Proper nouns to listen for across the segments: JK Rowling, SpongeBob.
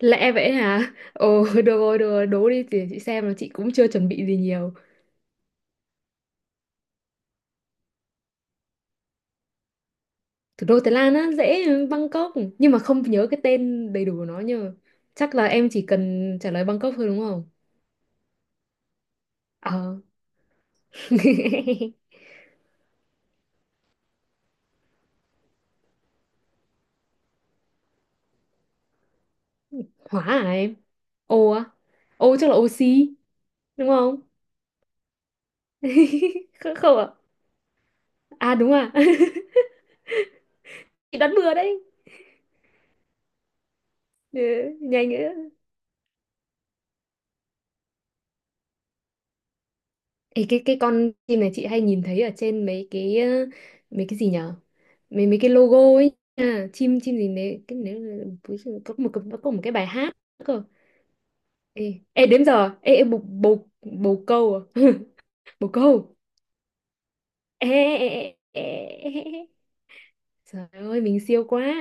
Lẽ vậy hả? Ồ, được rồi, đố đi để chị xem là chị cũng chưa chuẩn bị gì nhiều. Thủ đô Thái Lan á, dễ Bangkok, nhưng mà không nhớ cái tên đầy đủ của nó nhờ. Chắc là em chỉ cần trả lời Bangkok thôi đúng không? Ờ. Hóa à em? Ô á? Ô chắc là oxy, đúng không? Không, không ạ? À? À đúng à. Chị đoán bừa đấy. Ừ, nhanh nữa. Ê, cái con chim này chị hay nhìn thấy ở trên mấy cái mấy cái gì nhở, mấy mấy cái logo ấy nha. Chim chim gì đấy cái nếu có có một cái bài hát cơ. Ê, ê đến giờ ê, ê bồ bồ bồ câu à? Bồ câu. Ê, ê, ê, ê, ê, ê. Trời ơi mình siêu quá.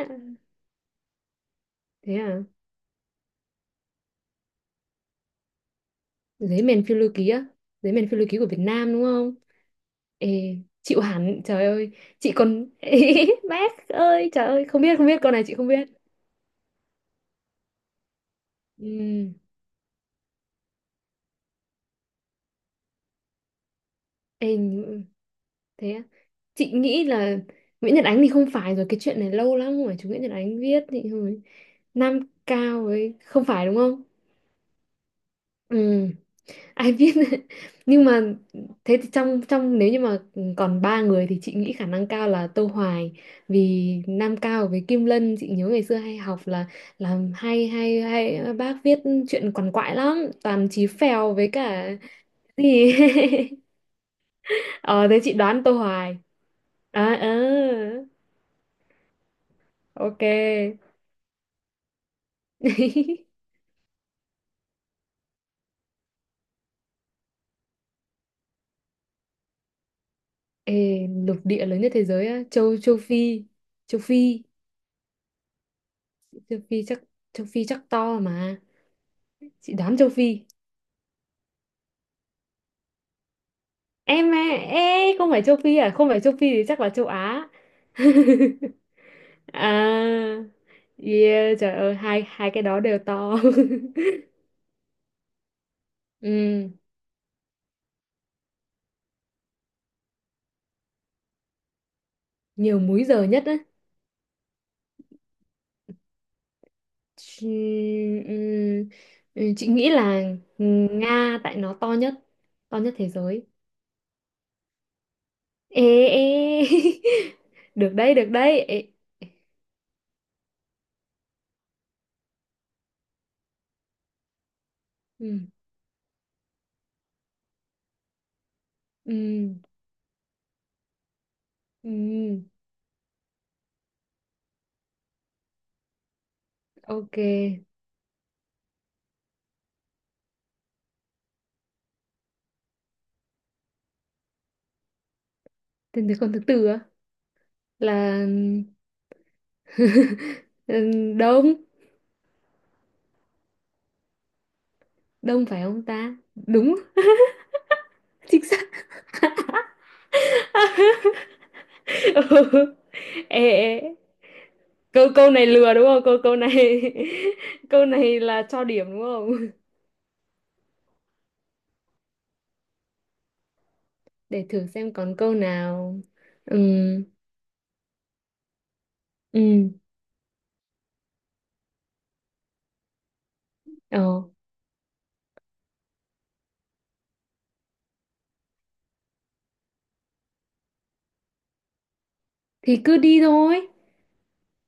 Thế à? Giấy mèn phiêu lưu ký á? Giấy mèn phiêu lưu ký của Việt Nam đúng không? ê Chịu hẳn trời ơi, chị còn bác ơi trời ơi, không biết, không biết con này chị không biết. Ừm. Ê, thế á? Chị nghĩ là Nguyễn Nhật Ánh thì không phải rồi, cái chuyện này lâu lắm rồi, chú Nguyễn Nhật Ánh viết thì hồi Nam Cao ấy, không phải đúng không? Ừ, ai viết nhưng mà thế thì trong trong nếu như mà còn ba người thì chị nghĩ khả năng cao là Tô Hoài, vì Nam Cao với Kim Lân chị nhớ ngày xưa hay học là hay hay hay bác viết chuyện quằn quại lắm, toàn chí phèo với cả gì. Ờ thế chị đoán Tô Hoài. À, ờ, ok. Ê, lục địa lớn nhất thế giới á, châu châu Phi, châu Phi, châu Phi chắc, châu Phi chắc to mà. Chị đoán châu Phi. Em à, ê, không phải châu Phi à, không phải châu Phi thì chắc là châu Á. À. Yeah, trời ơi, hai hai cái đó đều to. Ừ, nhiều múi giờ nhất á. Chị, ừ, ừ, chị nghĩ là Nga tại nó to nhất thế giới. Ê ê Được đấy, được đấy ê. Ừ, ừ, ừ, ok. Tên từ con thứ tư á, là ừ, đông, đông phải không ta? Đúng. Chính xác. Ừ. ê, ê. Câu câu này lừa đúng không, câu câu này câu này là cho điểm đúng không, để thử xem còn câu nào. Ừ. Ừ. Ờ thì cứ đi thôi,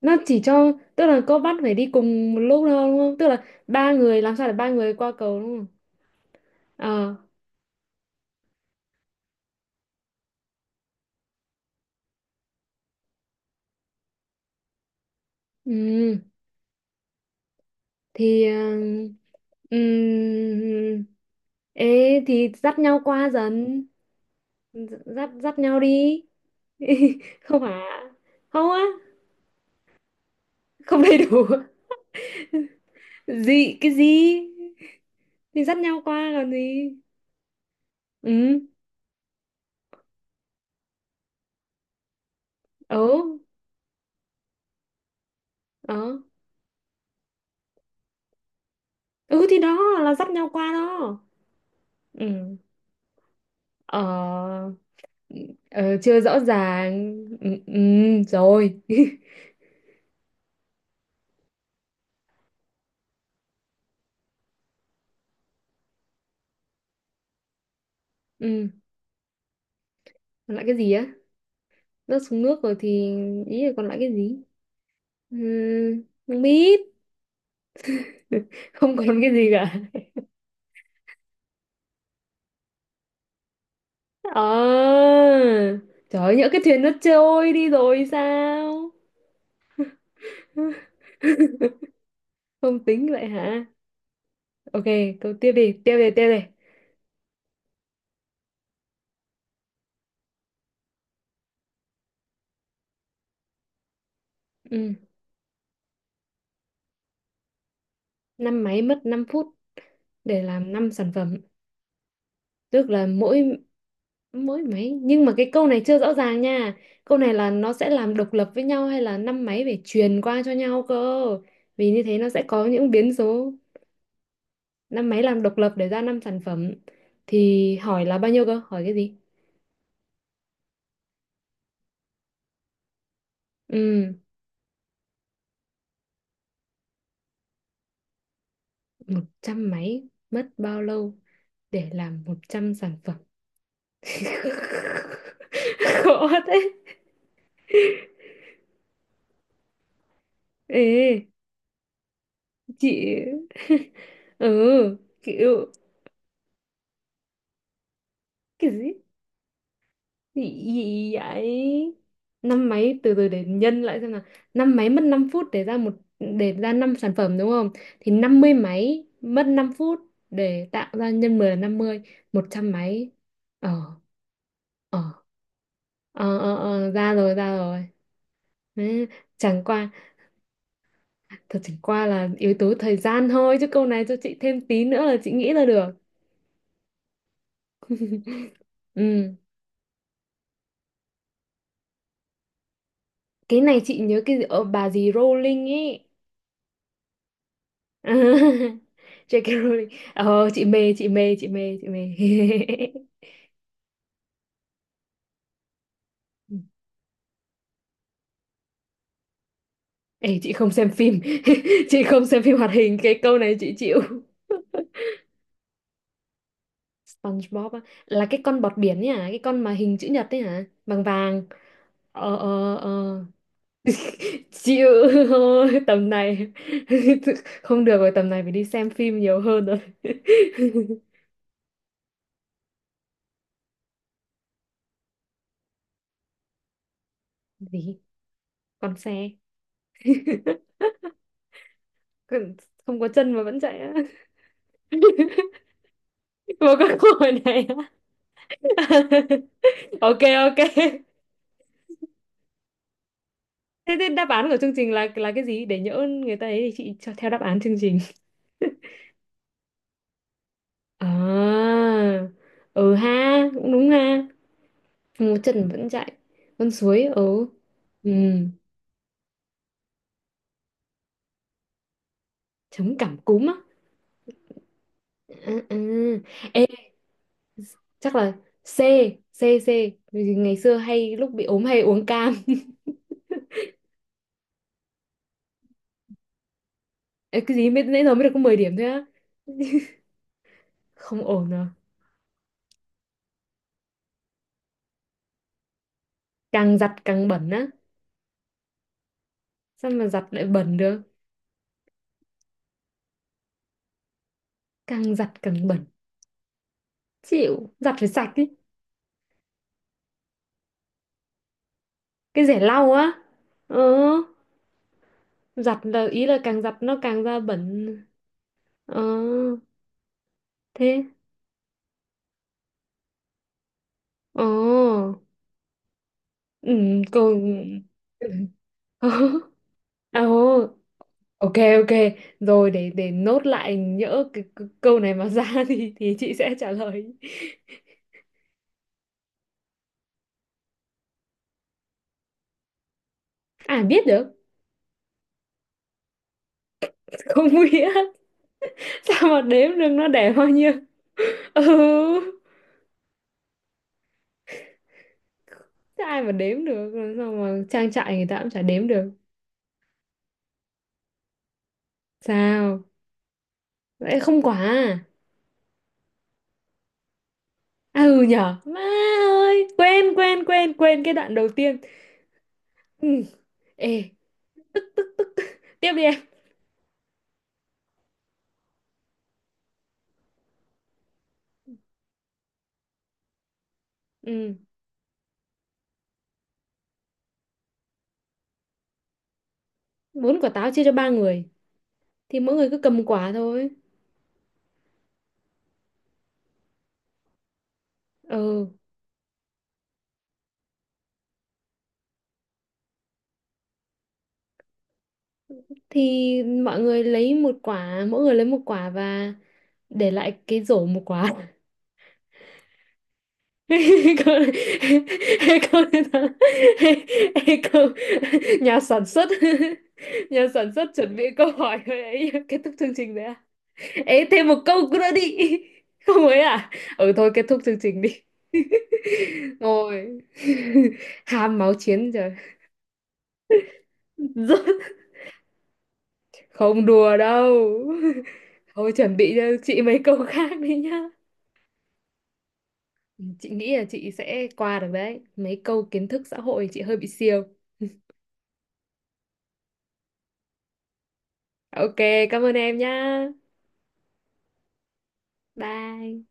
nó chỉ cho tức là có bắt phải đi cùng một lúc đâu đúng không, tức là ba người làm sao để ba người qua cầu đúng không? Ờ. Ừ thì ừ, ê thì dắt nhau qua dần, dắt dắt nhau đi. Không hả? Không á, không đầy đủ. Gì, cái gì? Thì dắt nhau qua còn gì. Ừ. Ừ. Ờ. Ừ thì đó là dắt nhau qua đó. Ừ. Ờ. Ờ, chưa rõ ràng. Ừ, ừ, rồi. Ừ, còn lại cái gì á, rớt xuống nước rồi thì, ý là còn lại cái gì. Ừ, không biết. Không còn cái gì cả. Ờ, trời ơi, nhỡ cái thuyền nó trôi đi rồi sao. Không tính vậy hả? Ok, câu tiếp đi, tiếp đi, tiếp đi. Ừ. Năm máy mất 5 phút để làm 5 sản phẩm, tức là mỗi mỗi máy, nhưng mà cái câu này chưa rõ ràng nha. Câu này là nó sẽ làm độc lập với nhau hay là năm máy phải truyền qua cho nhau cơ, vì như thế nó sẽ có những biến số. Năm máy làm độc lập để ra năm sản phẩm thì hỏi là bao nhiêu cơ, hỏi cái gì? Ừ, một trăm máy mất bao lâu để làm 100 sản phẩm. Khó thế. Ê, chị ừ, kiểu cái gì? Gì, gì vậy? Năm mấy từ từ để nhân lại xem nào. Năm mấy mất 5 phút để ra 5 sản phẩm đúng không? Thì năm mươi máy mất 5 phút để tạo ra, nhân 10 là 50, 100 mấy. Ờ, ờ ờ ra rồi, ra rồi. Đấy, chẳng qua chẳng qua là yếu tố thời gian thôi, chứ câu này cho chị thêm tí nữa là chị nghĩ ra được. Ừ. Cái này chị nhớ cái gì- bà gì Rowling ấy. J.K. Rowling. Ờ chị mê, Ê, chị không xem phim chị không xem phim hoạt hình, cái câu này chị chịu. SpongeBob á, là cái con bọt biển ấy hả, cái con mà hình chữ nhật ấy hả, vàng vàng. ờ ờ ờ Chịu. Thôi tầm này không được rồi, tầm này phải đi xem phim nhiều hơn rồi. Gì, con xe. Con- không có chân mà vẫn chạy á. Vô cái câu hỏi này á. Ok, ok. Thế, thế đáp án của chương trình là cái gì, để nhỡ người ta ấy thì chị cho theo đáp án chương trình. À, ừ ha, cũng đúng ha. Một chân vẫn chạy, con suối. Ừ. Ừ. Chống cảm cúm á, à, à. Ê, chắc là C. C. C. Bởi vì ngày xưa hay lúc bị ốm hay uống cam. Ê, cái gì, mới nãy giờ mới được có 10 điểm thôi á, không ổn rồi. Càng giặt càng bẩn á, sao mà giặt lại bẩn được, càng giặt càng bẩn. Chịu, giặt phải sạch đi. Cái rẻ lau á, ờ, giặt là ý là càng giặt nó càng ra bẩn. Ờ, thế ờ. Ừ, còn ờ, ờ, ok, ok. Rồi để nốt lại, nhỡ cái câu này mà ra thì chị sẽ trả lời. À biết được. Không biết. Sao mà đếm được nó đẻ bao nhiêu. Ừ. Thế ai mà đếm được, làm sao mà trang trại người ta cũng chả đếm được. Sao vậy, không quả? À, ừ nhở, má ơi, quên, quên quên quên cái đoạn đầu tiên. Ừ. Ê, tiếp đi em. Ừ. Bún quả táo chia cho ba người, thì mỗi người cứ cầm một quả thôi. Ừ, thì mọi người lấy một quả, mỗi người lấy một quả và để lại cái rổ một quả. Câu, câu câu nhà sản xuất, nhà sản xuất chuẩn bị câu hỏi ấy kết thúc chương trình đấy. Ê, thêm một câu nữa đi. Không ấy à? Ừ thôi kết thúc chương trình đi. Ngồi. Ham máu chiến rồi. Rớt. Không đùa đâu. Thôi chuẩn bị cho chị mấy câu khác đi nhá. Ừ, chị nghĩ là chị sẽ qua được đấy. Mấy câu kiến thức xã hội chị hơi bị siêu. Ok, cảm ơn em nhá. Bye.